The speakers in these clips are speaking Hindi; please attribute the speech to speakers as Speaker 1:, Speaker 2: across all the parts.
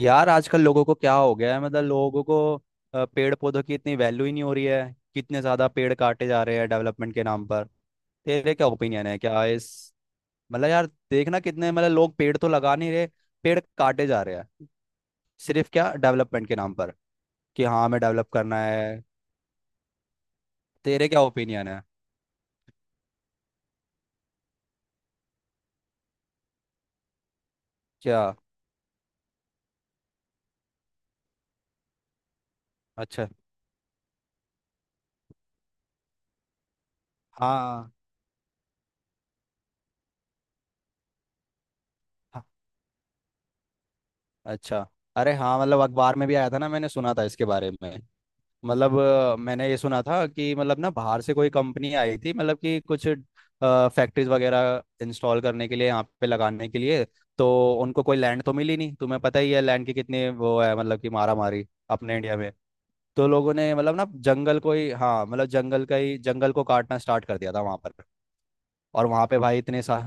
Speaker 1: यार, आजकल लोगों को क्या हो गया है। मतलब लोगों को पेड़ पौधों की इतनी वैल्यू ही नहीं हो रही है। कितने ज्यादा पेड़ काटे जा रहे हैं डेवलपमेंट के नाम पर। तेरे क्या ओपिनियन है क्या इस। मतलब यार, देखना कितने, मतलब लोग पेड़ तो लगा नहीं रहे, पेड़ काटे जा रहे हैं सिर्फ क्या डेवलपमेंट के नाम पर, कि हाँ हमें डेवलप करना है। तेरे क्या ओपिनियन है क्या? अच्छा। हाँ, हाँ, अच्छा। अरे हाँ, मतलब अखबार में भी आया था ना, मैंने सुना था इसके बारे में। मतलब मैंने ये सुना था कि, मतलब ना बाहर से कोई कंपनी आई थी, मतलब कि कुछ फैक्ट्रीज वगैरह इंस्टॉल करने के लिए, यहाँ पे लगाने के लिए। तो उनको कोई लैंड तो मिली नहीं, तुम्हें पता ही है लैंड की कितनी वो है, मतलब कि मारा मारी अपने इंडिया में। तो लोगों ने, मतलब ना जंगल को ही, हाँ मतलब जंगल का ही, जंगल को काटना स्टार्ट कर दिया था वहां पर। और वहां पे भाई इतने सा,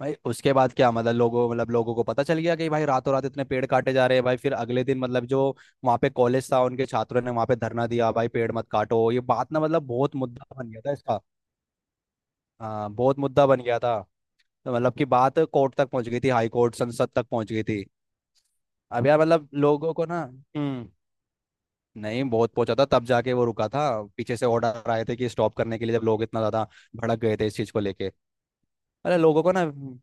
Speaker 1: भाई उसके बाद क्या, मतलब लोगों को पता चल गया कि भाई रातों रात इतने पेड़ काटे जा रहे हैं। भाई फिर अगले दिन मतलब जो वहाँ पे कॉलेज था, उनके छात्रों ने वहाँ पे धरना दिया, भाई पेड़ मत काटो। ये बात ना, मतलब बहुत मुद्दा बन गया था इसका। हाँ, बहुत मुद्दा बन गया था। तो मतलब कि बात कोर्ट तक पहुंच गई थी, हाई कोर्ट, संसद तक पहुंच गई थी। अब यार, मतलब लोगों को ना, नहीं, बहुत पहुंचा था, तब जाके वो रुका था। पीछे से ऑर्डर आए थे कि स्टॉप करने के लिए, जब लोग इतना ज्यादा भड़क गए थे इस चीज को लेके। अरे लोगों को ना,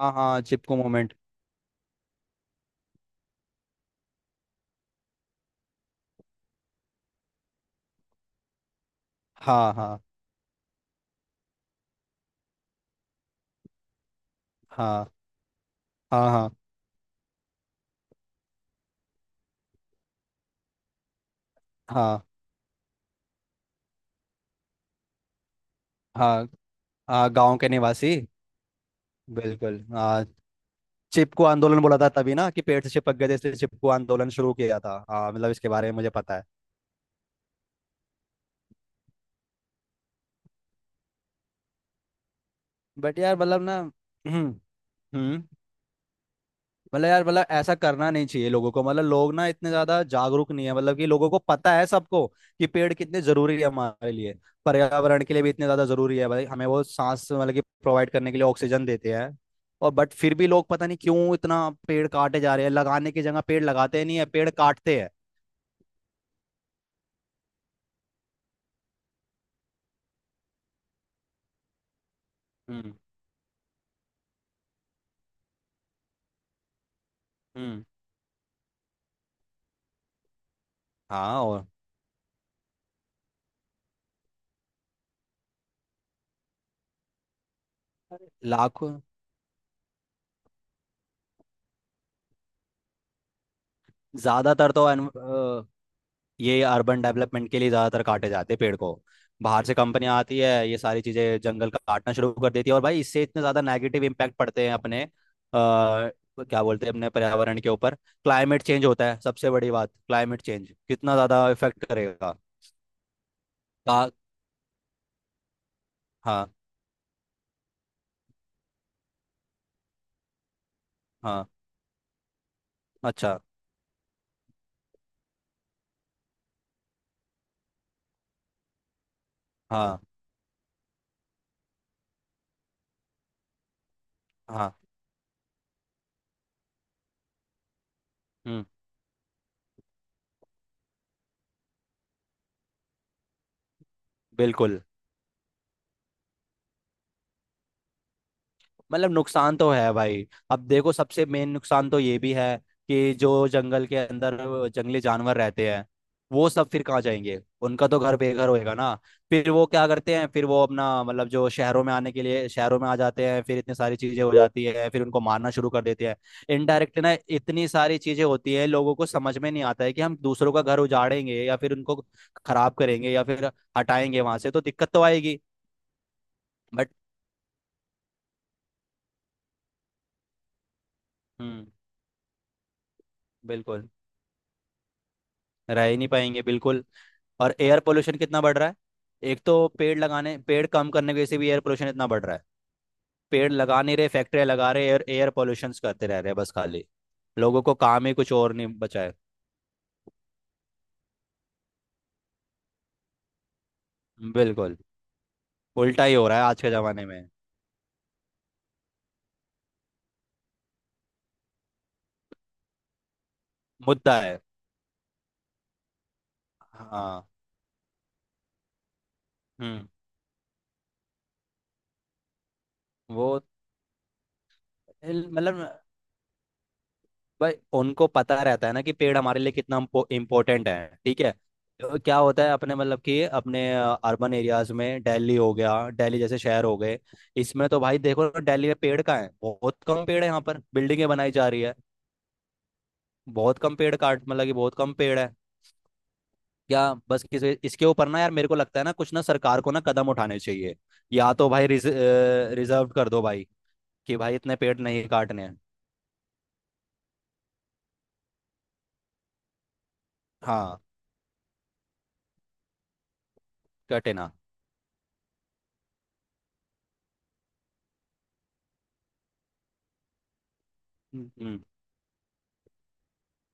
Speaker 1: हाँ, हाँ, चिपको मोमेंट। हाँ, हाँ, हाँ, हाँ, हाँ, हाँ, हाँ, हाँ, गाँव के निवासी, बिल्कुल हाँ। चिपकू आंदोलन बोला था तभी ना, कि पेड़ से चिपक गए थे इसलिए चिपकू आंदोलन शुरू किया था, हाँ मतलब इसके बारे में मुझे पता है। बट यार, मतलब ना, हम्म मतलब यार, मतलब ऐसा करना नहीं चाहिए लोगों को। मतलब लोग ना इतने ज्यादा जागरूक नहीं है, मतलब कि लोगों को पता है, सबको कि पेड़ कितने जरूरी है हमारे लिए। पर्यावरण के लिए भी इतने ज्यादा जरूरी है भाई, हमें वो सांस मतलब कि प्रोवाइड करने के लिए ऑक्सीजन देते हैं। और बट फिर भी लोग पता नहीं क्यों इतना पेड़ काटे जा रहे हैं, लगाने की जगह पेड़ लगाते नहीं है, पेड़ काटते हैं। हम्म, हम्म। हाँ। और लाखों। ज्यादातर तो, ये अर्बन डेवलपमेंट के लिए ज़्यादातर काटे जाते हैं पेड़ को। बाहर से कंपनियां आती है, ये सारी चीज़ें, जंगल काटना शुरू कर देती है, और भाई इससे इतने ज़्यादा नेगेटिव इम्पैक्ट पड़ते हैं अपने क्या बोलते हैं, अपने पर्यावरण के ऊपर। क्लाइमेट चेंज होता है, सबसे बड़ी बात, क्लाइमेट चेंज कितना ज़्यादा इफेक्ट करेगा। का- हाँ, हाँ, अच्छा, हाँ, हाँ, हम्म, बिल्कुल। मतलब नुकसान तो है भाई। अब देखो, सबसे मेन नुकसान तो ये भी है कि जो जंगल के अंदर जंगली जानवर रहते हैं, वो सब फिर कहाँ जाएंगे? उनका तो घर बेघर होएगा ना। फिर वो क्या करते हैं, फिर वो अपना मतलब जो शहरों में आने के लिए, शहरों में आ जाते हैं, फिर इतनी सारी चीजें हो जाती है, फिर उनको मारना शुरू कर देते हैं। इनडायरेक्ट ना इतनी सारी चीजें होती है, लोगों को समझ में नहीं आता है कि हम दूसरों का घर उजाड़ेंगे, या फिर उनको खराब करेंगे, या फिर हटाएंगे वहां से, तो दिक्कत तो आएगी। बट। हम्म। बिल्कुल। रह ही नहीं पाएंगे, बिल्कुल। और एयर पोल्यूशन कितना बढ़ रहा है। एक तो पेड़ लगाने, पेड़ कम करने की वजह से भी एयर पोल्यूशन इतना बढ़ रहा है। पेड़ लगा नहीं रहे, फैक्ट्रियां लगा रहे, और एयर पोल्यूशन करते रह रहे हैं, बस खाली। लोगों को काम ही कुछ और नहीं बचा है। बिल्कुल उल्टा ही हो रहा है आज के जमाने में। मुद्दा है। हाँ। हम्म। वो मतलब भाई, उनको पता रहता है ना कि पेड़ हमारे लिए कितना इम्पोर्टेंट है, ठीक है। तो क्या होता है, अपने मतलब कि अपने अर्बन एरियाज में, दिल्ली हो गया, दिल्ली जैसे शहर हो गए। इसमें तो भाई देखो ना, दिल्ली में पेड़ कहाँ है, बहुत कम पेड़ है, यहाँ पर बिल्डिंगें बनाई जा रही है। बहुत कम पेड़ काट मतलब कि बहुत कम पेड़ है। क्या बस किसी इसके ऊपर ना यार, मेरे को लगता है ना, कुछ ना सरकार को ना कदम उठाने चाहिए। या तो भाई रिजर्व कर दो भाई, कि भाई इतने पेड़ नहीं काटने हैं। हाँ, कटे ना, हम्म, हम्म,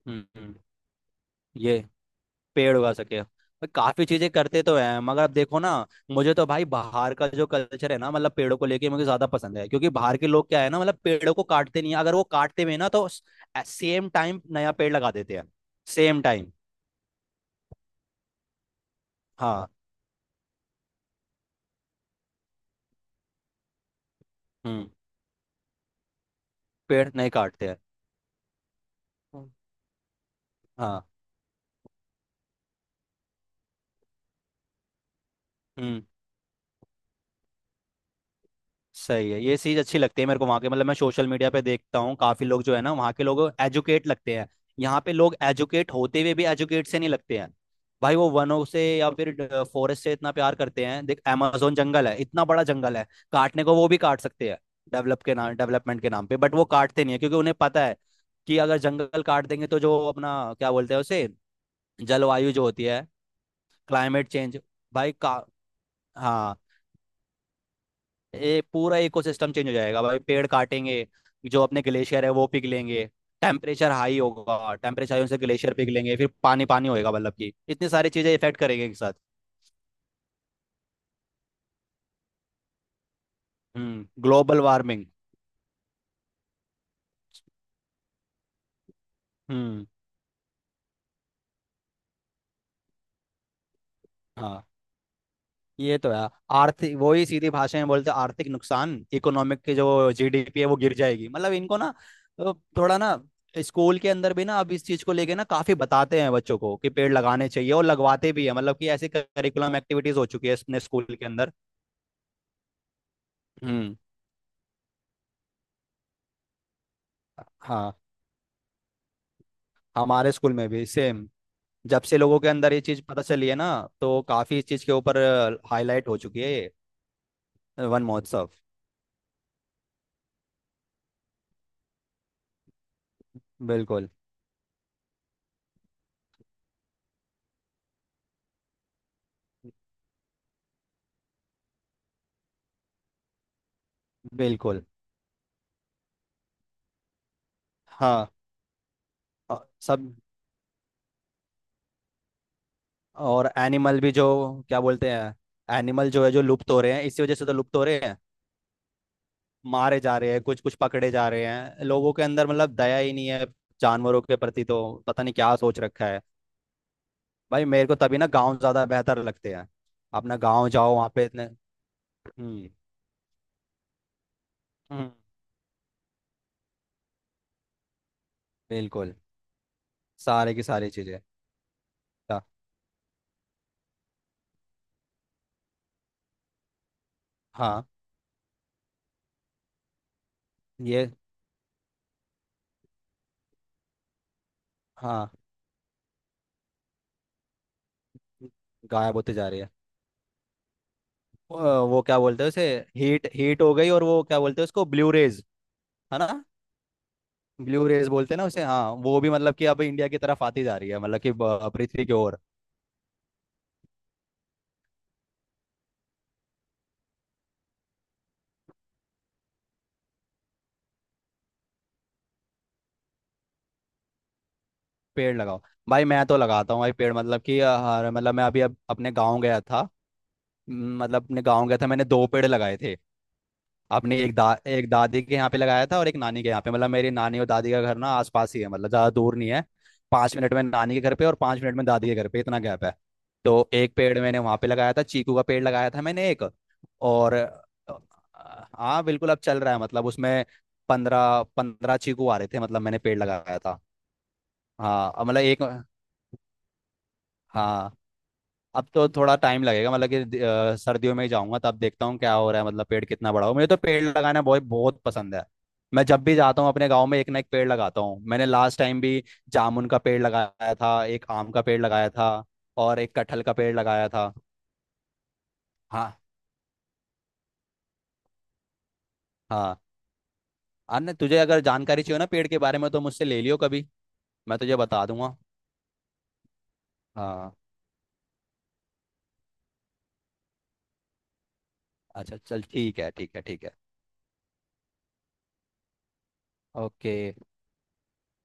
Speaker 1: हम्म। ये पेड़ उगा सके, और काफी चीजें करते तो हैं, मगर अब देखो ना। मुझे तो भाई बाहर का जो कल्चर है ना, मतलब पेड़ों को लेके मुझे ज्यादा पसंद है, क्योंकि बाहर के लोग क्या है ना, मतलब पेड़ों को काटते नहीं है, अगर वो काटते भी हैं ना, तो सेम टाइम नया पेड़ लगा देते हैं। Same time. हाँ, हम्म, पेड़ नहीं काटते हैं, हम्म। हाँ, हम्म, सही है। ये चीज अच्छी लगती है मेरे को वहाँ के, मतलब मैं सोशल मीडिया पे देखता हूँ, काफी लोग जो है ना वहाँ के, लोग एजुकेट लगते हैं। यहाँ पे लोग एजुकेट होते हुए भी एजुकेट से नहीं लगते हैं। भाई वो वनों से या फिर फॉरेस्ट से इतना प्यार करते हैं। देख amazon जंगल है, इतना बड़ा जंगल है, काटने को वो भी काट सकते हैं डेवलपमेंट के नाम पे, बट वो काटते नहीं है, क्योंकि उन्हें पता है कि अगर जंगल काट देंगे तो जो अपना क्या बोलते हैं उसे, जलवायु जो होती है। क्लाइमेट चेंज भाई का हाँ, ये पूरा इकोसिस्टम चेंज हो जाएगा भाई, पेड़ काटेंगे, जो अपने ग्लेशियर है वो पिघलेंगे। टेम्परेचर हाई होगा, टेम्परेचर हाई होने से ग्लेशियर पिघलेंगे, फिर पानी पानी होएगा, मतलब कि इतनी सारी चीजें इफेक्ट करेंगे एक साथ। हम्म। Global warming. हम्म। हाँ, ये तो है। आर्थिक, वही सीधी भाषा में बोलते हैं, आर्थिक नुकसान, इकोनॉमिक की, जो जीडीपी है वो गिर जाएगी, मतलब इनको ना। अ, थोड़ा ना, स्कूल के अंदर भी ना, अब इस चीज को लेके ना काफी बताते हैं बच्चों को कि पेड़ लगाने चाहिए, और लगवाते भी है, मतलब कि ऐसी करिकुलम एक्टिविटीज हो चुकी है अपने स्कूल के अंदर। हम्म। हाँ। हमारे स्कूल में भी सेम, जब से लोगों के अंदर ये चीज पता चली है ना, तो काफी इस चीज के ऊपर हाईलाइट हो चुकी है ये। वन महोत्सव। बिल्कुल, बिल्कुल। हाँ। अ, सब। और एनिमल भी जो क्या बोलते हैं, एनिमल जो है, जो लुप्त हो रहे हैं, इसी वजह से तो लुप्त हो रहे हैं। मारे जा रहे हैं, कुछ कुछ पकड़े जा रहे हैं, लोगों के अंदर मतलब दया ही नहीं है जानवरों के प्रति, तो पता नहीं क्या सोच रखा है। भाई मेरे को तभी ना गांव ज्यादा बेहतर लगते हैं, अपना गांव जाओ वहाँ पे इतने, हम्म, हम्म, बिल्कुल। सारे की सारी चीजें। ता- हाँ। ये। हाँ। गायब होते जा रही है। अ, वो क्या बोलते हैं उसे, हीट, हीट हो गई, और वो क्या बोलते हैं उसको, ब्लू रेज, है ना? ब्लू रेज बोलते हैं ना उसे, हाँ वो भी, मतलब कि अब इंडिया की तरफ आती जा रही है, मतलब कि पृथ्वी की ओर। पेड़ लगाओ। भाई मैं तो लगाता हूँ भाई पेड़, मतलब कि मतलब मैं अभी अब अपने गाँव गया था, मतलब अपने गाँव गया था, मैंने दो पेड़ लगाए थे। अपनी एक दादी के यहाँ पे लगाया था, और एक नानी के यहाँ पे। मतलब मेरी नानी और दादी का घर ना आसपास ही है, मतलब ज़्यादा दूर नहीं है। 5 मिनट में नानी के घर पे, और 5 मिनट में दादी के घर पे, इतना गैप है। तो एक पेड़ मैंने वहाँ पे लगाया था, चीकू का पेड़ लगाया था मैंने, एक। और हाँ बिल्कुल, अब चल रहा है, मतलब उसमें 15-15 चीकू आ रहे थे, मतलब मैंने पेड़ लगाया था। हाँ मतलब एक। हाँ, अब तो थोड़ा टाइम लगेगा, मतलब कि सर्दियों में ही जाऊंगा, तब देखता हूँ क्या हो रहा है, मतलब पेड़ कितना बड़ा हो। मुझे तो पेड़ लगाना बहुत बहुत पसंद है। मैं जब भी जाता हूँ अपने गांव में, एक ना एक पेड़ लगाता हूँ, मैंने लास्ट टाइम भी जामुन का पेड़ लगाया था, एक आम का पेड़ लगाया था, और एक कटहल का पेड़ लगाया था। हाँ, हाँ। अन्य तुझे अगर जानकारी चाहिए ना पेड़ के बारे में तो मुझसे ले लियो कभी, मैं तुझे बता दूंगा। हाँ, अच्छा, चल ठीक है, ठीक है, ठीक है, ओके।